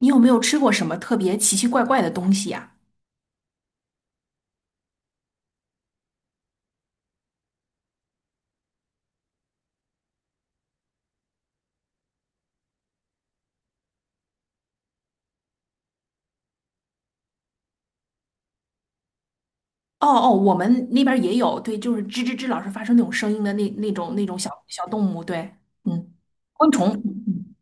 你有没有吃过什么特别奇奇怪怪的东西呀？哦哦，我们那边儿也有，对，就是吱吱吱老是发生那种声音的那种小小动物，对。嗯，昆虫，嗯嗯。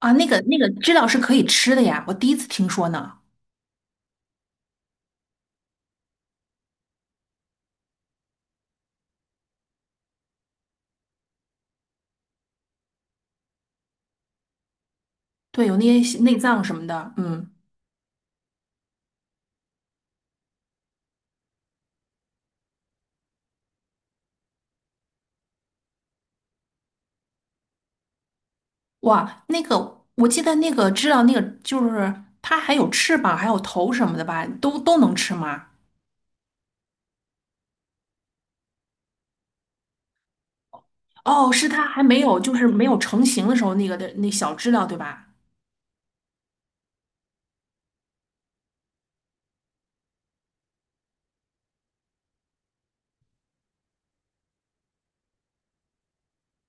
啊，那个知了是可以吃的呀，我第一次听说呢。对，有那些内脏什么的，嗯。哇，那个我记得那个知了，那个就是它还有翅膀，还有头什么的吧，都能吃吗？哦，是它还没有就是没有成型的时候那个的那小知了对吧？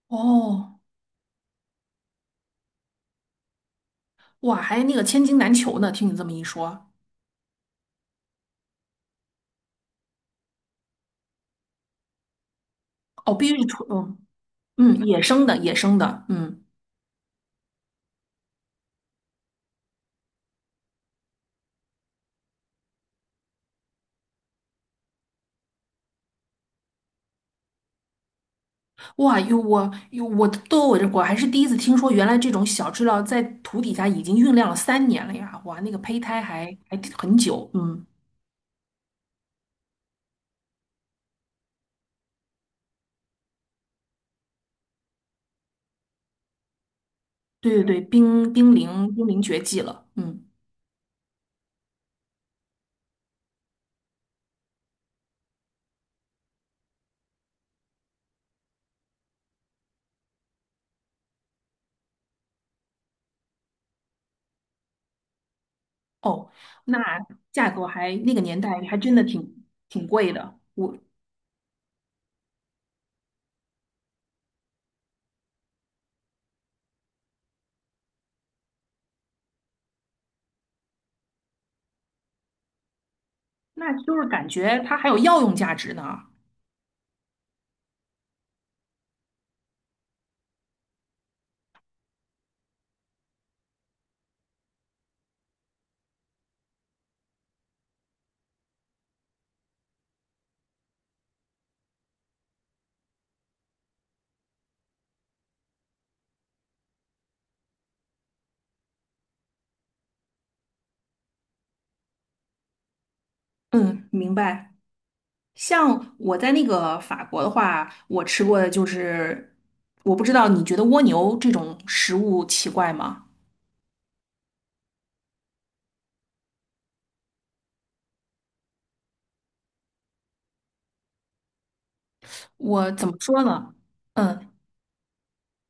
哦。哇，还那个千金难求呢。听你这么一说。哦，必须是纯，嗯。嗯，野生的，野生的，嗯。哇，哟，我哟，我都我这我还是第一次听说，原来这种小知了在土底下已经酝酿了3年了呀！哇，那个胚胎还挺很久，嗯。对对对，濒临绝迹了，嗯。哦，那价格还那个年代还真的挺贵的，我。那就是感觉它还有药用价值呢，嗯，明白。像我在那个法国的话，我吃过的就是，我不知道你觉得蜗牛这种食物奇怪吗？我怎么说呢？嗯，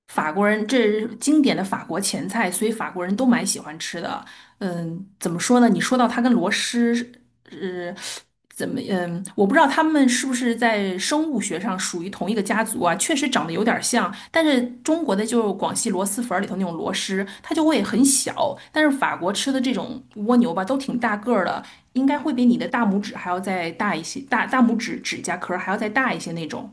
法国人这是经典的法国前菜，所以法国人都蛮喜欢吃的。嗯，怎么说呢？你说到它跟螺蛳，是。呃怎么，嗯，我不知道他们是不是在生物学上属于同一个家族啊？确实长得有点像，但是中国的就是广西螺蛳粉儿里头那种螺蛳，它就会很小，但是法国吃的这种蜗牛吧，都挺大个儿的，应该会比你的大拇指还要再大一些，大拇指指甲壳儿还要再大一些那种。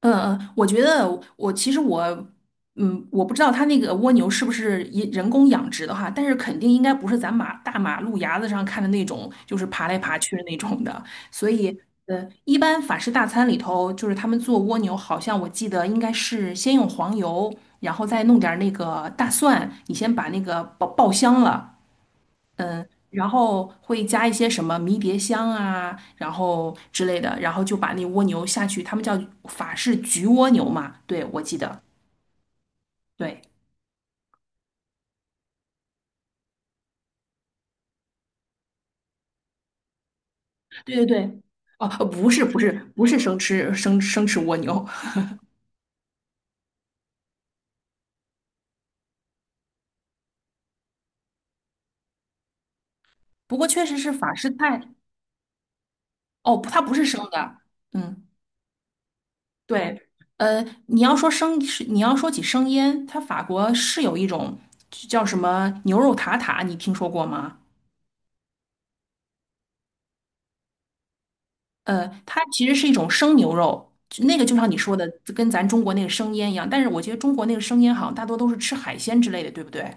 嗯嗯，我觉得我其实，嗯，我不知道它那个蜗牛是不是也人工养殖的哈，但是肯定应该不是咱大马路牙子上看的那种，就是爬来爬去的那种的。所以，呃，一般法式大餐里头，就是他们做蜗牛，好像我记得应该是先用黄油，然后再弄点儿那个大蒜，你先把那个爆香了，嗯，然后会加一些什么迷迭香啊，然后之类的，然后就把那蜗牛下去，他们叫法式焗蜗牛嘛，对，我记得，对，对对对。哦，不是不是不是生吃蜗牛。不过确实是法式菜。哦，它不是生的，嗯，对。呃，你要说起生腌，它法国是有一种叫什么牛肉塔塔，你听说过吗？它其实是一种生牛肉，就那个就像你说的，跟咱中国那个生腌一样。但是我觉得中国那个生腌好像大多都是吃海鲜之类的，对不对？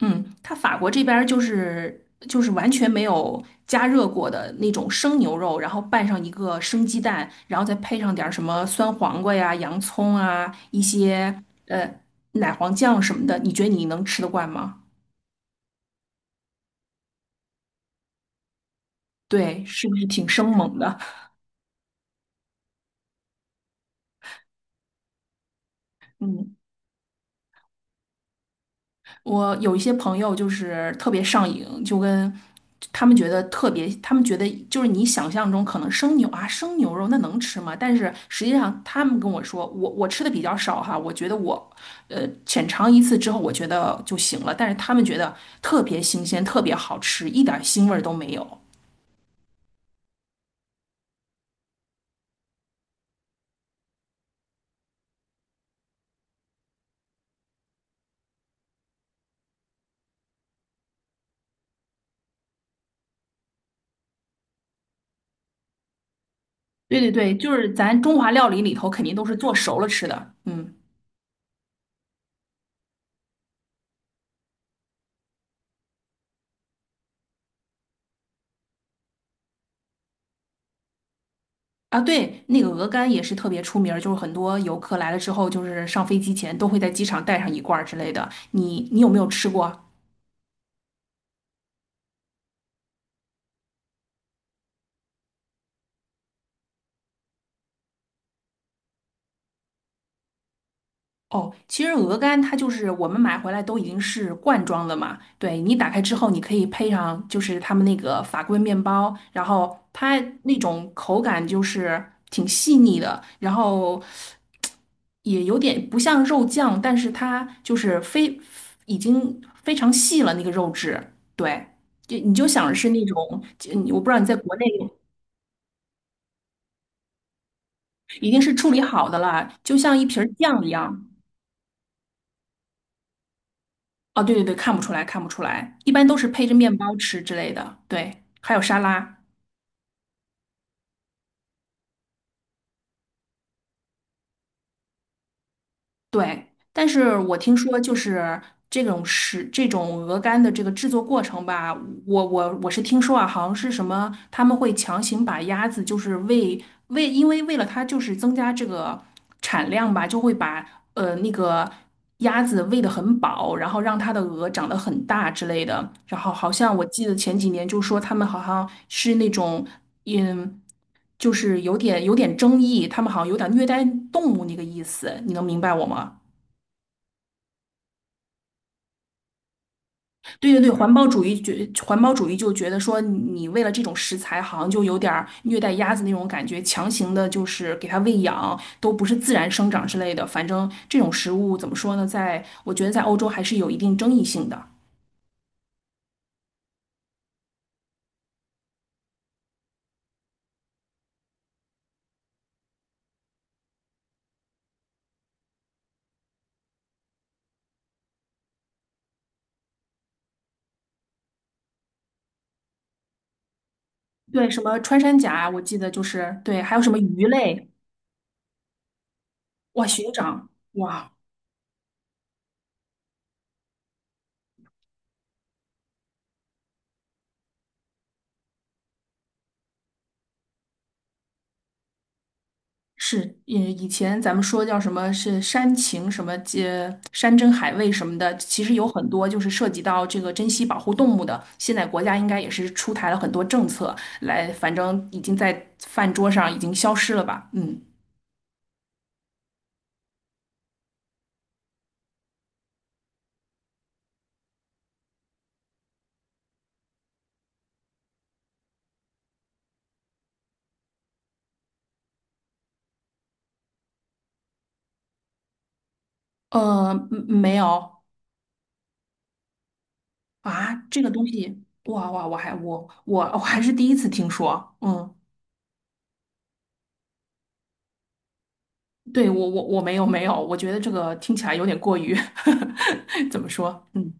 嗯，它法国这边儿就是完全没有加热过的那种生牛肉，然后拌上一个生鸡蛋，然后再配上点儿什么酸黄瓜呀、洋葱啊、一些奶黄酱什么的，你觉得你能吃得惯吗？对，是不是挺生猛的？嗯。我有一些朋友就是特别上瘾，就跟他们觉得特别，他们觉得就是你想象中可能生牛啊，生牛肉那能吃吗？但是实际上他们跟我说，我吃的比较少哈，我觉得我浅尝一次之后，我觉得就行了。但是他们觉得特别新鲜，特别好吃，一点腥味儿都没有。对对对，就是咱中华料理里头肯定都是做熟了吃的，嗯。啊，对，那个鹅肝也是特别出名儿就是很多游客来了之后，就是上飞机前都会在机场带上一罐儿之类的。你有没有吃过？哦，其实鹅肝它就是我们买回来都已经是罐装的嘛，对，你打开之后，你可以配上就是他们那个法棍面包，然后它那种口感就是挺细腻的，然后也有点不像肉酱，但是它就是非已经非常细了那个肉质，对，就你就想是那种，就我不知道你在国内已经是处理好的了，就像一瓶儿酱一样。哦，对对对，看不出来，看不出来，一般都是配着面包吃之类的。对，还有沙拉。对，但是我听说就是这种鹅肝的这个制作过程吧，我是听说啊，好像是什么他们会强行把鸭子就是喂，为了它就是增加这个产量吧，就会把那个鸭子喂得很饱，然后让它的鹅长得很大之类的。然后好像我记得前几年就说他们好像是那种。嗯，就是有点争议，他们好像有点虐待动物那个意思，你能明白我吗？对对对，环保主义就觉得说你为了这种食材，好像就有点儿虐待鸭子那种感觉，强行的就是给它喂养，都不是自然生长之类的。反正这种食物怎么说呢，在我觉得在欧洲还是有一定争议性的。对，什么穿山甲啊，我记得就是对，还有什么鱼类，哇，熊掌，哇。是，以前咱们说叫什么是山珍海味什么的，其实有很多就是涉及到这个珍稀保护动物的。现在国家应该也是出台了很多政策来，反正已经在饭桌上已经消失了吧？嗯。嗯，没有。啊，这个东西，哇哇，我还是第一次听说。嗯，对，我没有没有，我觉得这个听起来有点过于 怎么说？嗯，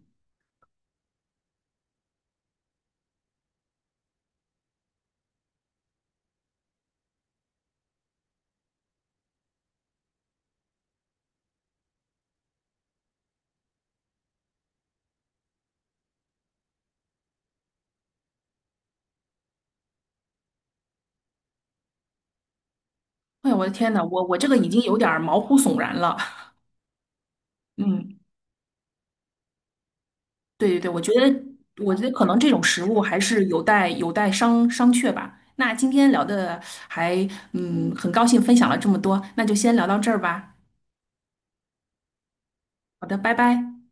哎呀，我的天呐，我这个已经有点儿毛骨悚然了。嗯，对对对，我觉得，可能这种食物还是有待商榷吧。那今天聊的还，嗯，很高兴分享了这么多，那就先聊到这儿吧。好的，拜拜。